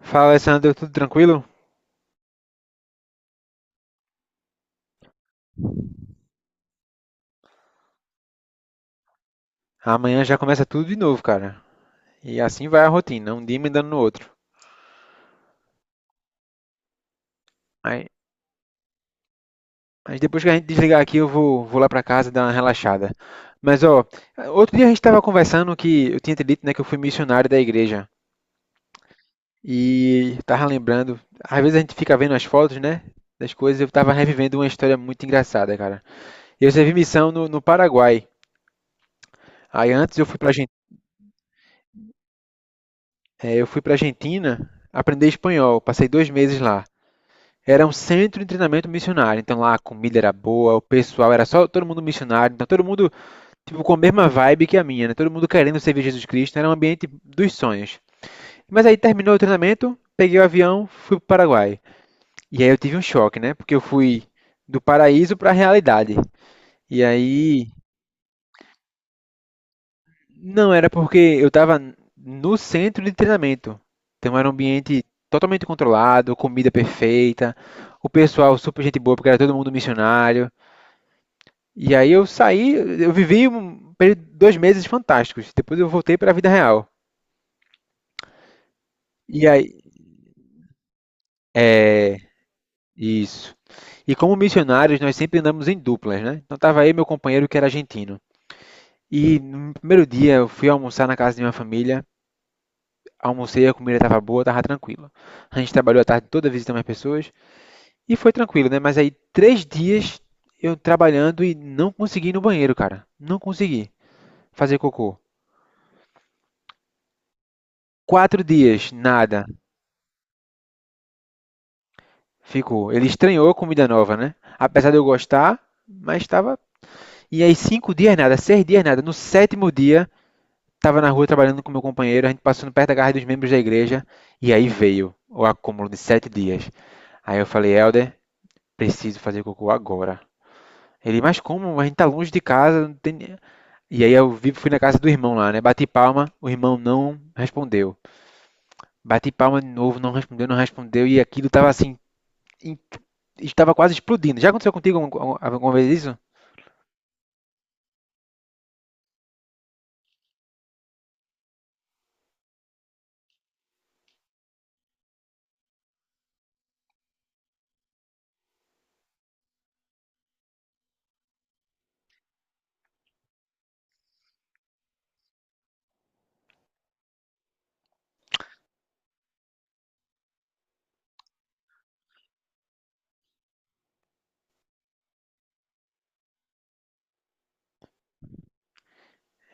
Fala, Alessandro, tudo tranquilo? Amanhã já começa tudo de novo, cara. E assim vai a rotina, um dia emendando no outro. Aí- Mas, depois que a gente desligar aqui, eu vou lá pra casa dar uma relaxada. Mas, ó, outro dia a gente tava conversando que eu tinha te dito, né, que eu fui missionário da igreja. E tava lembrando, às vezes a gente fica vendo as fotos, né, das coisas, eu tava revivendo uma história muito engraçada, cara. Eu servi missão no Paraguai. Aí antes eu fui pra eu fui pra Argentina aprender espanhol, passei 2 meses lá. Era um centro de treinamento missionário, então lá a comida era boa, o pessoal era só todo mundo missionário, então todo mundo tipo com a mesma vibe que a minha, né? Todo mundo querendo servir Jesus Cristo, era um ambiente dos sonhos. Mas aí terminou o treinamento, peguei o avião, fui para o Paraguai. E aí eu tive um choque, né? Porque eu fui do paraíso para a realidade. E aí não era porque eu estava no centro de treinamento. Então era um ambiente totalmente controlado, comida perfeita, o pessoal super gente boa, porque era todo mundo missionário. E aí eu saí, eu vivi um período, 2 meses fantásticos. Depois eu voltei para a vida real. E aí, é, isso. E como missionários, nós sempre andamos em duplas, né? Então tava aí meu companheiro que era argentino. E no primeiro dia eu fui almoçar na casa de uma família, almocei, a comida estava boa, estava tranquila. A gente trabalhou a tarde toda visitando as pessoas e foi tranquilo, né? Mas aí 3 dias eu trabalhando e não consegui ir no banheiro, cara. Não consegui fazer cocô. 4 dias, nada. Ficou. Ele estranhou a comida nova, né? Apesar de eu gostar, mas estava. E aí, 5 dias nada, 6 dias nada. No sétimo dia, estava na rua trabalhando com meu companheiro, a gente passando perto da garra dos membros da igreja, e aí veio o acúmulo de 7 dias. Aí eu falei, Helder, preciso fazer cocô agora. Ele, mas como? A gente tá longe de casa. Não tem... E aí fui na casa do irmão lá, né? Bati palma, o irmão não respondeu. Bati palma de novo, não respondeu, não respondeu. E aquilo tava assim, estava quase explodindo. Já aconteceu contigo alguma vez isso?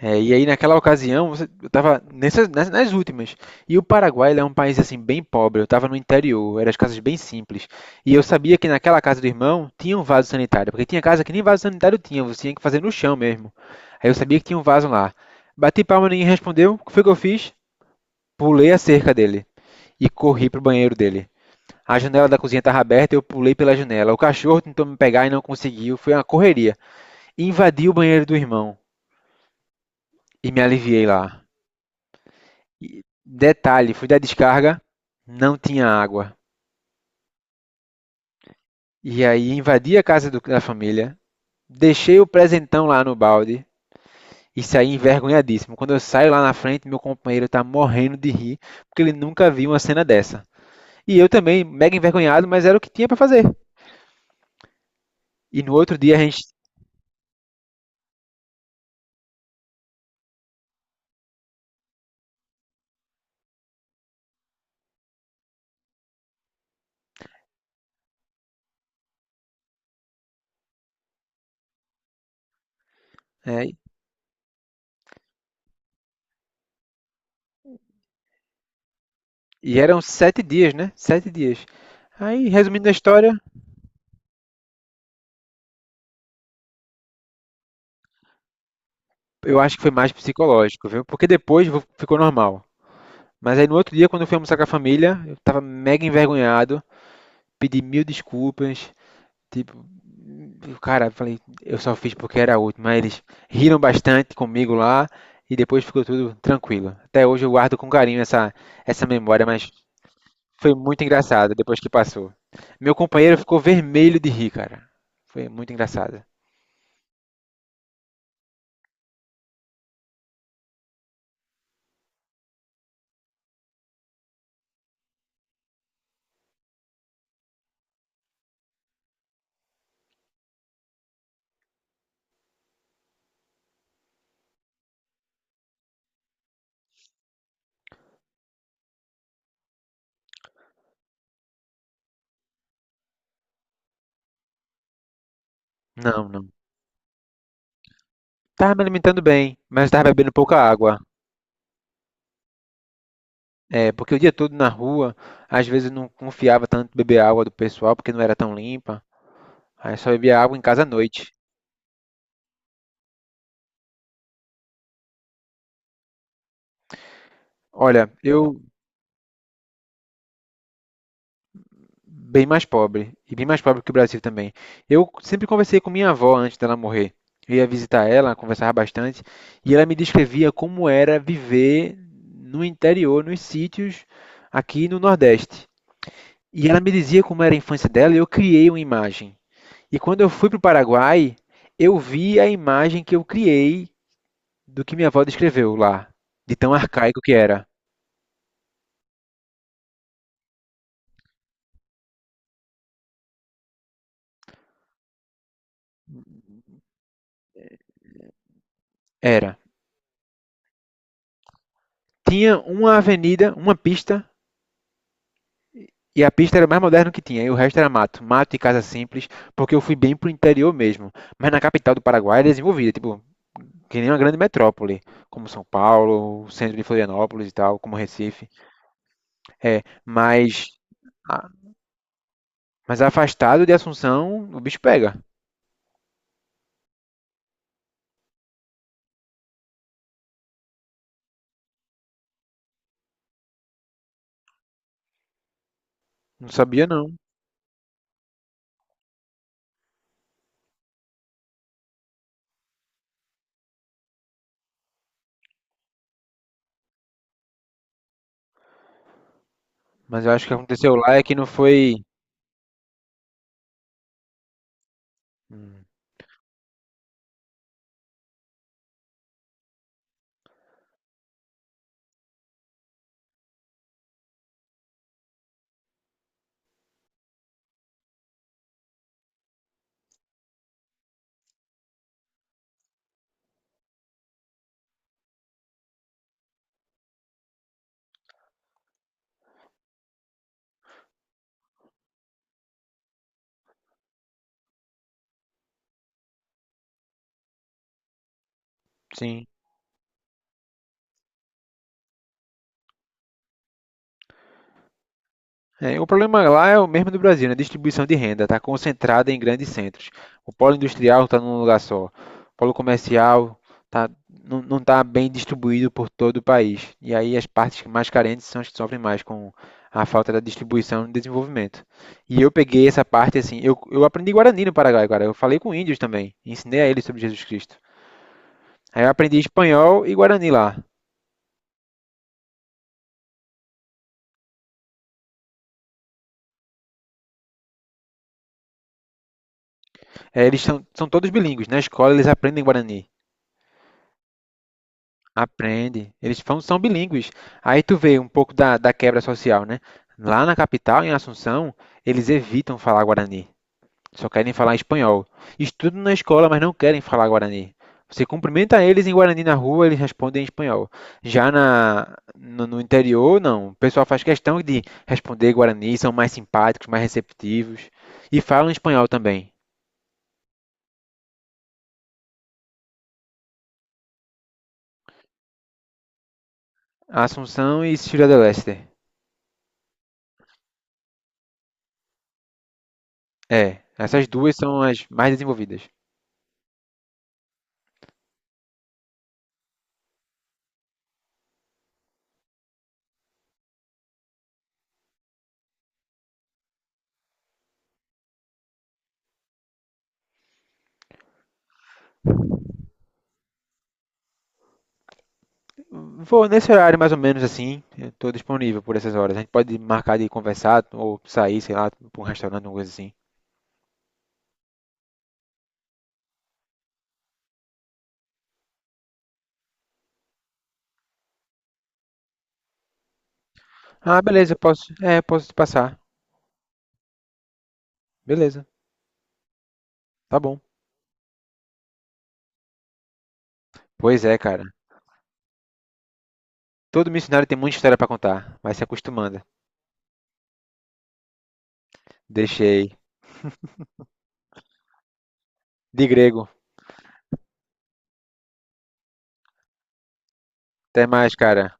É, e aí naquela ocasião, eu estava nas últimas. E o Paraguai ele é um país assim bem pobre. Eu estava no interior, eram as casas bem simples. E eu sabia que naquela casa do irmão tinha um vaso sanitário, porque tinha casa que nem vaso sanitário tinha, você tinha que fazer no chão mesmo. Aí eu sabia que tinha um vaso lá. Bati palma, ninguém respondeu. O que foi que eu fiz? Pulei a cerca dele e corri pro banheiro dele. A janela da cozinha estava aberta, eu pulei pela janela. O cachorro tentou me pegar e não conseguiu. Foi uma correria. Invadi o banheiro do irmão e me aliviei lá. E detalhe, fui dar descarga, não tinha água. E aí invadi a casa da família, deixei o presentão lá no balde e saí envergonhadíssimo. Quando eu saio lá na frente, meu companheiro está morrendo de rir, porque ele nunca viu uma cena dessa. E eu também, mega envergonhado, mas era o que tinha para fazer. E no outro dia a gente. É, e eram 7 dias, né? 7 dias. Aí, resumindo a história, eu acho que foi mais psicológico, viu? Porque depois ficou normal. Mas aí no outro dia, quando eu fui almoçar com a família, eu tava mega envergonhado, pedi mil desculpas, tipo, cara, eu falei, eu só fiz porque era útil, mas eles riram bastante comigo lá e depois ficou tudo tranquilo. Até hoje eu guardo com carinho essa memória, mas foi muito engraçado depois que passou. Meu companheiro ficou vermelho de rir, cara. Foi muito engraçado. Não, não. Tava me alimentando bem, mas tava bebendo pouca água. É, porque o dia todo na rua, às vezes eu não confiava tanto em beber água do pessoal, porque não era tão limpa. Aí só bebia água em casa à noite. Olha, eu bem mais pobre, e bem mais pobre que o Brasil também. Eu sempre conversei com minha avó antes dela morrer. Eu ia visitar ela, conversava bastante, e ela me descrevia como era viver no interior, nos sítios aqui no Nordeste. E ela me dizia como era a infância dela, e eu criei uma imagem. E quando eu fui para o Paraguai, eu vi a imagem que eu criei do que minha avó descreveu lá, de tão arcaico que era. Era. Tinha uma avenida, uma pista, e a pista era mais moderna que tinha, e o resto era mato. Mato e casa simples, porque eu fui bem pro interior mesmo. Mas na capital do Paraguai era desenvolvida, tipo, que nem uma grande metrópole, como São Paulo, o centro de Florianópolis e tal, como Recife. É, mas, ah, mas afastado de Assunção, o bicho pega. Não sabia não. Mas eu acho que aconteceu lá é que não foi. Hum. Sim. É, o problema lá é o mesmo do Brasil, né? Distribuição de renda está concentrada em grandes centros. O polo industrial está num lugar só. O polo comercial tá, não está bem distribuído por todo o país. E aí as partes mais carentes são as que sofrem mais com a falta da distribuição e desenvolvimento. E eu peguei essa parte assim. Eu aprendi Guarani no Paraguai, cara. Eu falei com índios também. Ensinei a eles sobre Jesus Cristo. Aí eu aprendi espanhol e Guarani lá. É, eles são todos bilíngues. Na escola eles aprendem Guarani. Aprende. Eles são bilíngues. Aí tu vê um pouco da quebra social, né? Lá na capital, em Assunção, eles evitam falar guarani. Só querem falar espanhol. Estudam na escola, mas não querem falar guarani. Você cumprimenta eles em guarani na rua, eles respondem em espanhol. Já na, no, no interior, não. O pessoal faz questão de responder guarani, são mais simpáticos, mais receptivos. E falam espanhol também. Assunção e Ciudad del Este. É, essas duas são as mais desenvolvidas. Vou nesse horário mais ou menos assim, eu tô disponível por essas horas. A gente pode marcar de conversar ou sair, sei lá, pra um restaurante, alguma coisa assim. Ah, beleza, posso. É, posso te passar. Beleza, tá bom. Pois é, cara. Todo missionário tem muita história pra contar, vai se acostumando. Deixei. De grego. Até mais, cara.